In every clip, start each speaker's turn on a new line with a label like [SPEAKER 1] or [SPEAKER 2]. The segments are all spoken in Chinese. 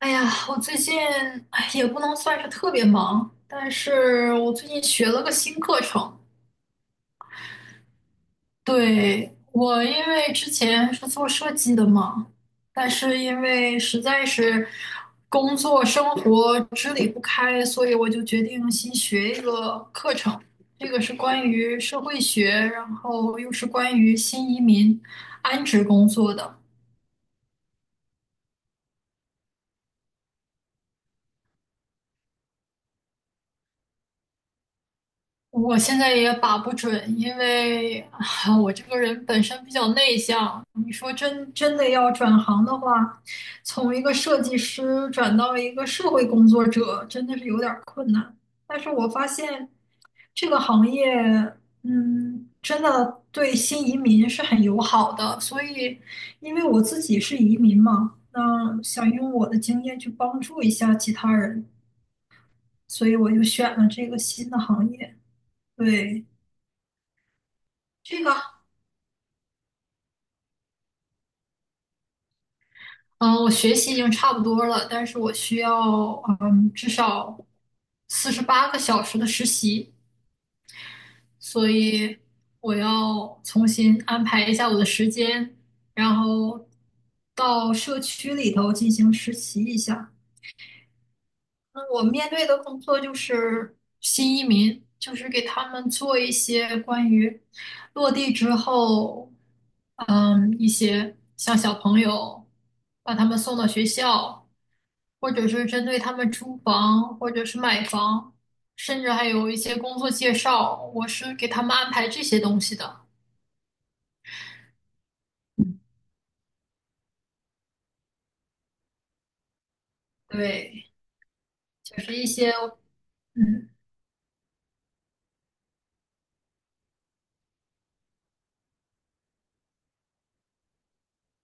[SPEAKER 1] 哎呀，我最近也不能算是特别忙，但是我最近学了个新课程。对，我因为之前是做设计的嘛，但是因为实在是工作生活支离不开，所以我就决定新学一个课程。这个是关于社会学，然后又是关于新移民安置工作的。我现在也把不准，因为啊，我这个人本身比较内向。你说真的要转行的话，从一个设计师转到一个社会工作者，真的是有点儿困难。但是我发现这个行业，真的对新移民是很友好的。所以，因为我自己是移民嘛，那想用我的经验去帮助一下其他人，所以我就选了这个新的行业。对。这个，嗯，我学习已经差不多了，但是我需要，至少48个小时的实习，所以我要重新安排一下我的时间，然后到社区里头进行实习一下。那我面对的工作就是新移民，就是给他们做一些关于落地之后，一些像小朋友，把他们送到学校。或者是针对他们租房，或者是买房，甚至还有一些工作介绍，我是给他们安排这些东西的。对，就是一些，嗯，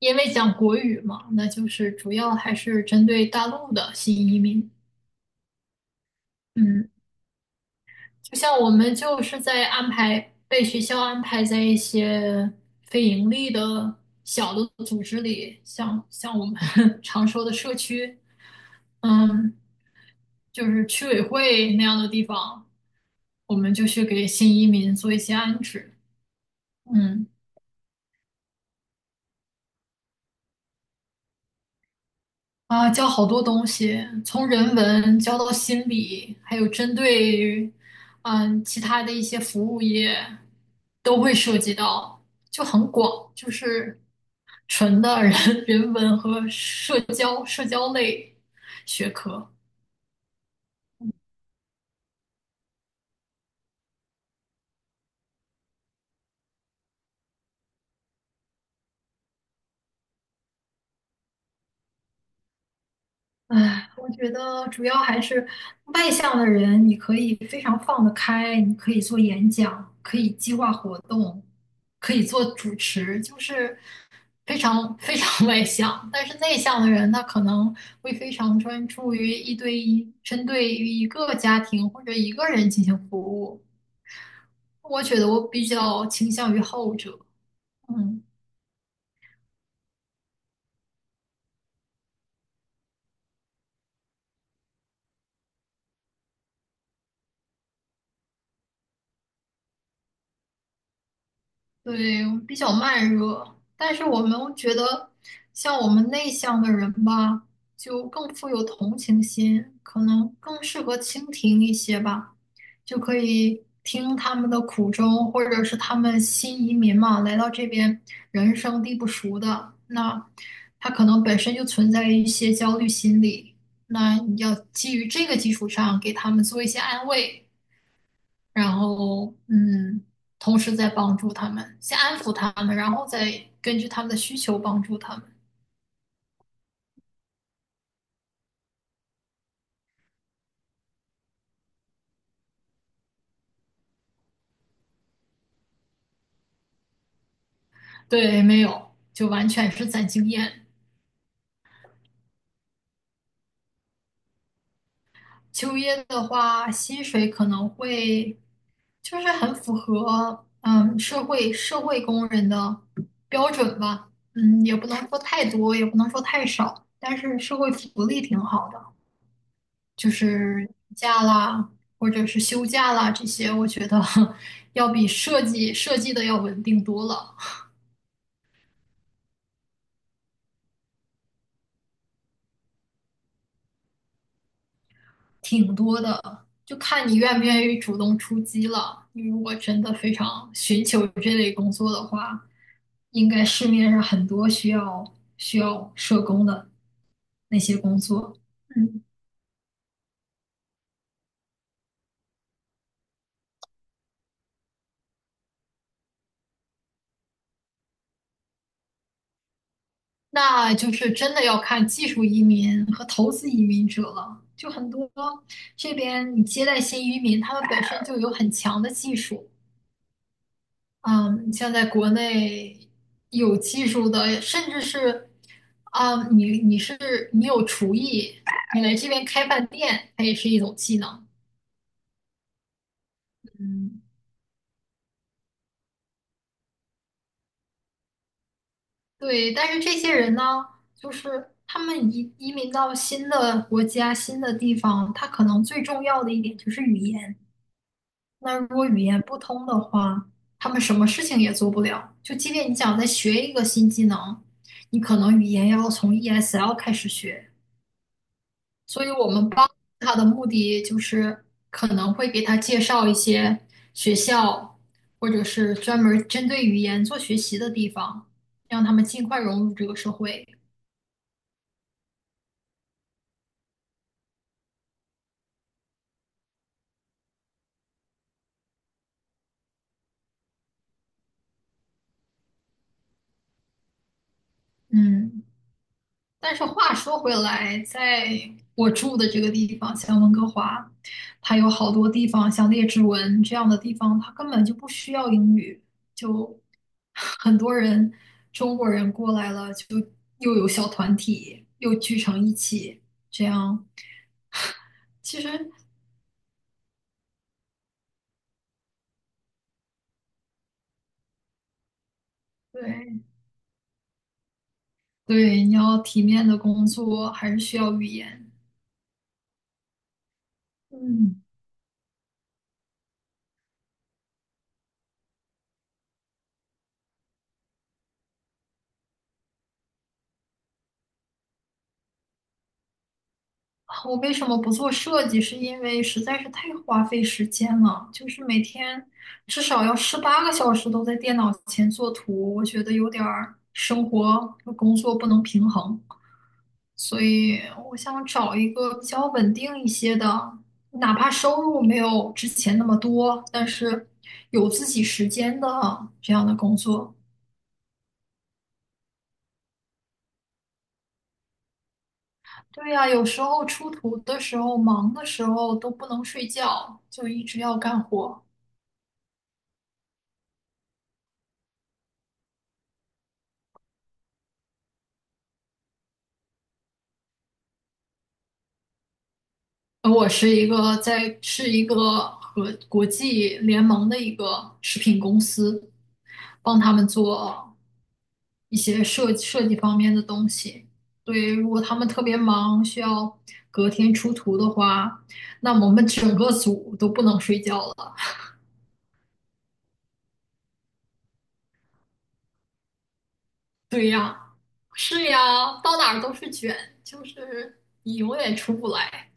[SPEAKER 1] 因为讲国语嘛，那就是主要还是针对大陆的新移民。嗯。就像我们就是在安排，被学校安排在一些非盈利的小的组织里，像我们 常说的社区，嗯，就是区委会那样的地方，我们就去给新移民做一些安置，嗯。啊，教好多东西，从人文教到心理，还有针对于其他的一些服务业都会涉及到，就很广，就是纯的人 人文和社交类学科。唉，我觉得主要还是外向的人，你可以非常放得开，你可以做演讲，可以计划活动，可以做主持，就是非常非常 外向。但是内向的人，他可能会非常专注于一对一，针对于一个家庭或者一个人进行服务。我觉得我比较倾向于后者。嗯。对，比较慢热，但是我们觉得，像我们内向的人吧，就更富有同情心，可能更适合倾听一些吧，就可以听他们的苦衷，或者是他们新移民嘛，来到这边人生地不熟的，那他可能本身就存在一些焦虑心理，那你要基于这个基础上给他们做一些安慰。然后同时在帮助他们，先安抚他们，然后再根据他们的需求帮助他们。对，没有，就完全是攒经验。秋叶的话，薪水可能会就是很符合社会工人的标准吧，也不能说太多，也不能说太少，但是社会福利挺好的。就是假啦，或者是休假啦这些，我觉得 要比设计的要稳定多了，挺多的。就看你愿不愿意主动出击了。你如果真的非常寻求这类工作的话，应该市面上很多需要社工的那些工作。嗯。那就是真的要看技术移民和投资移民者了。就很多这边你接待新移民，他们本身就有很强的技术。嗯，像在国内有技术的，甚至是你是你有厨艺，你来这边开饭店，它也是一种技能。嗯，对。但是这些人呢，就是他们移民到新的国家、新的地方，他可能最重要的一点就是语言。那如果语言不通的话，他们什么事情也做不了。就即便你想再学一个新技能，你可能语言要从 ESL 开始学。所以我们帮他的目的就是可能会给他介绍一些学校，或者是专门针对语言做学习的地方，让他们尽快融入这个社会。嗯。但是话说回来，在我住的这个地方，像温哥华，它有好多地方，像列治文这样的地方，它根本就不需要英语，就很多人中国人过来了，就又有小团体，又聚成一起，这样其实。对对，你要体面的工作，还是需要语言。嗯。啊，我为什么不做设计？是因为实在是太花费时间了，就是每天至少要十八个小时都在电脑前做图，我觉得有点儿生活和工作不能平衡，所以我想找一个比较稳定一些的，哪怕收入没有之前那么多，但是有自己时间的这样的工作。对呀，有时候出图的时候，忙的时候都不能睡觉，就一直要干活。我是一个和国际联盟的一个食品公司，帮他们做一些设计方面的东西。对，如果他们特别忙，需要隔天出图的话，那我们整个组都不能睡觉了。对呀，是呀，到哪儿都是卷，就是你永远出不来。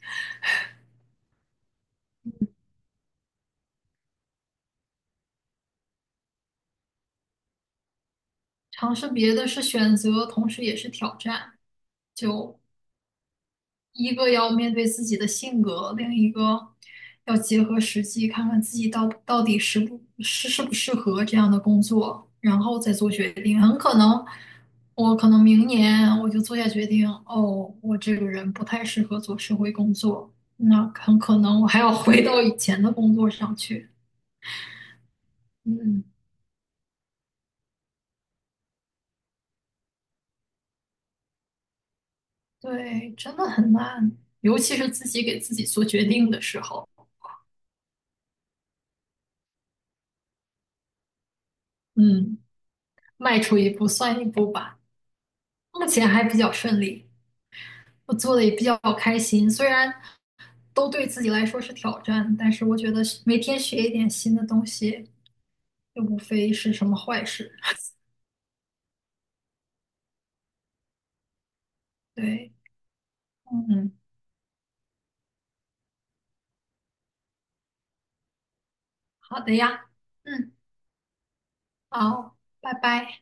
[SPEAKER 1] 尝试别的是选择，同时也是挑战，就一个要面对自己的性格，另一个要结合实际，看看自己到底适不适合这样的工作，然后再做决定。很可能，我可能明年我就做下决定，哦，我这个人不太适合做社会工作，那很可能我还要回到以前的工作上去。嗯，对，真的很难，尤其是自己给自己做决定的时候，嗯，迈出一步算一步吧。目前还比较顺利。我做的也比较开心，虽然都对自己来说是挑战，但是我觉得每天学一点新的东西，又无非是什么坏事。对，嗯，好的呀，嗯，好，拜拜。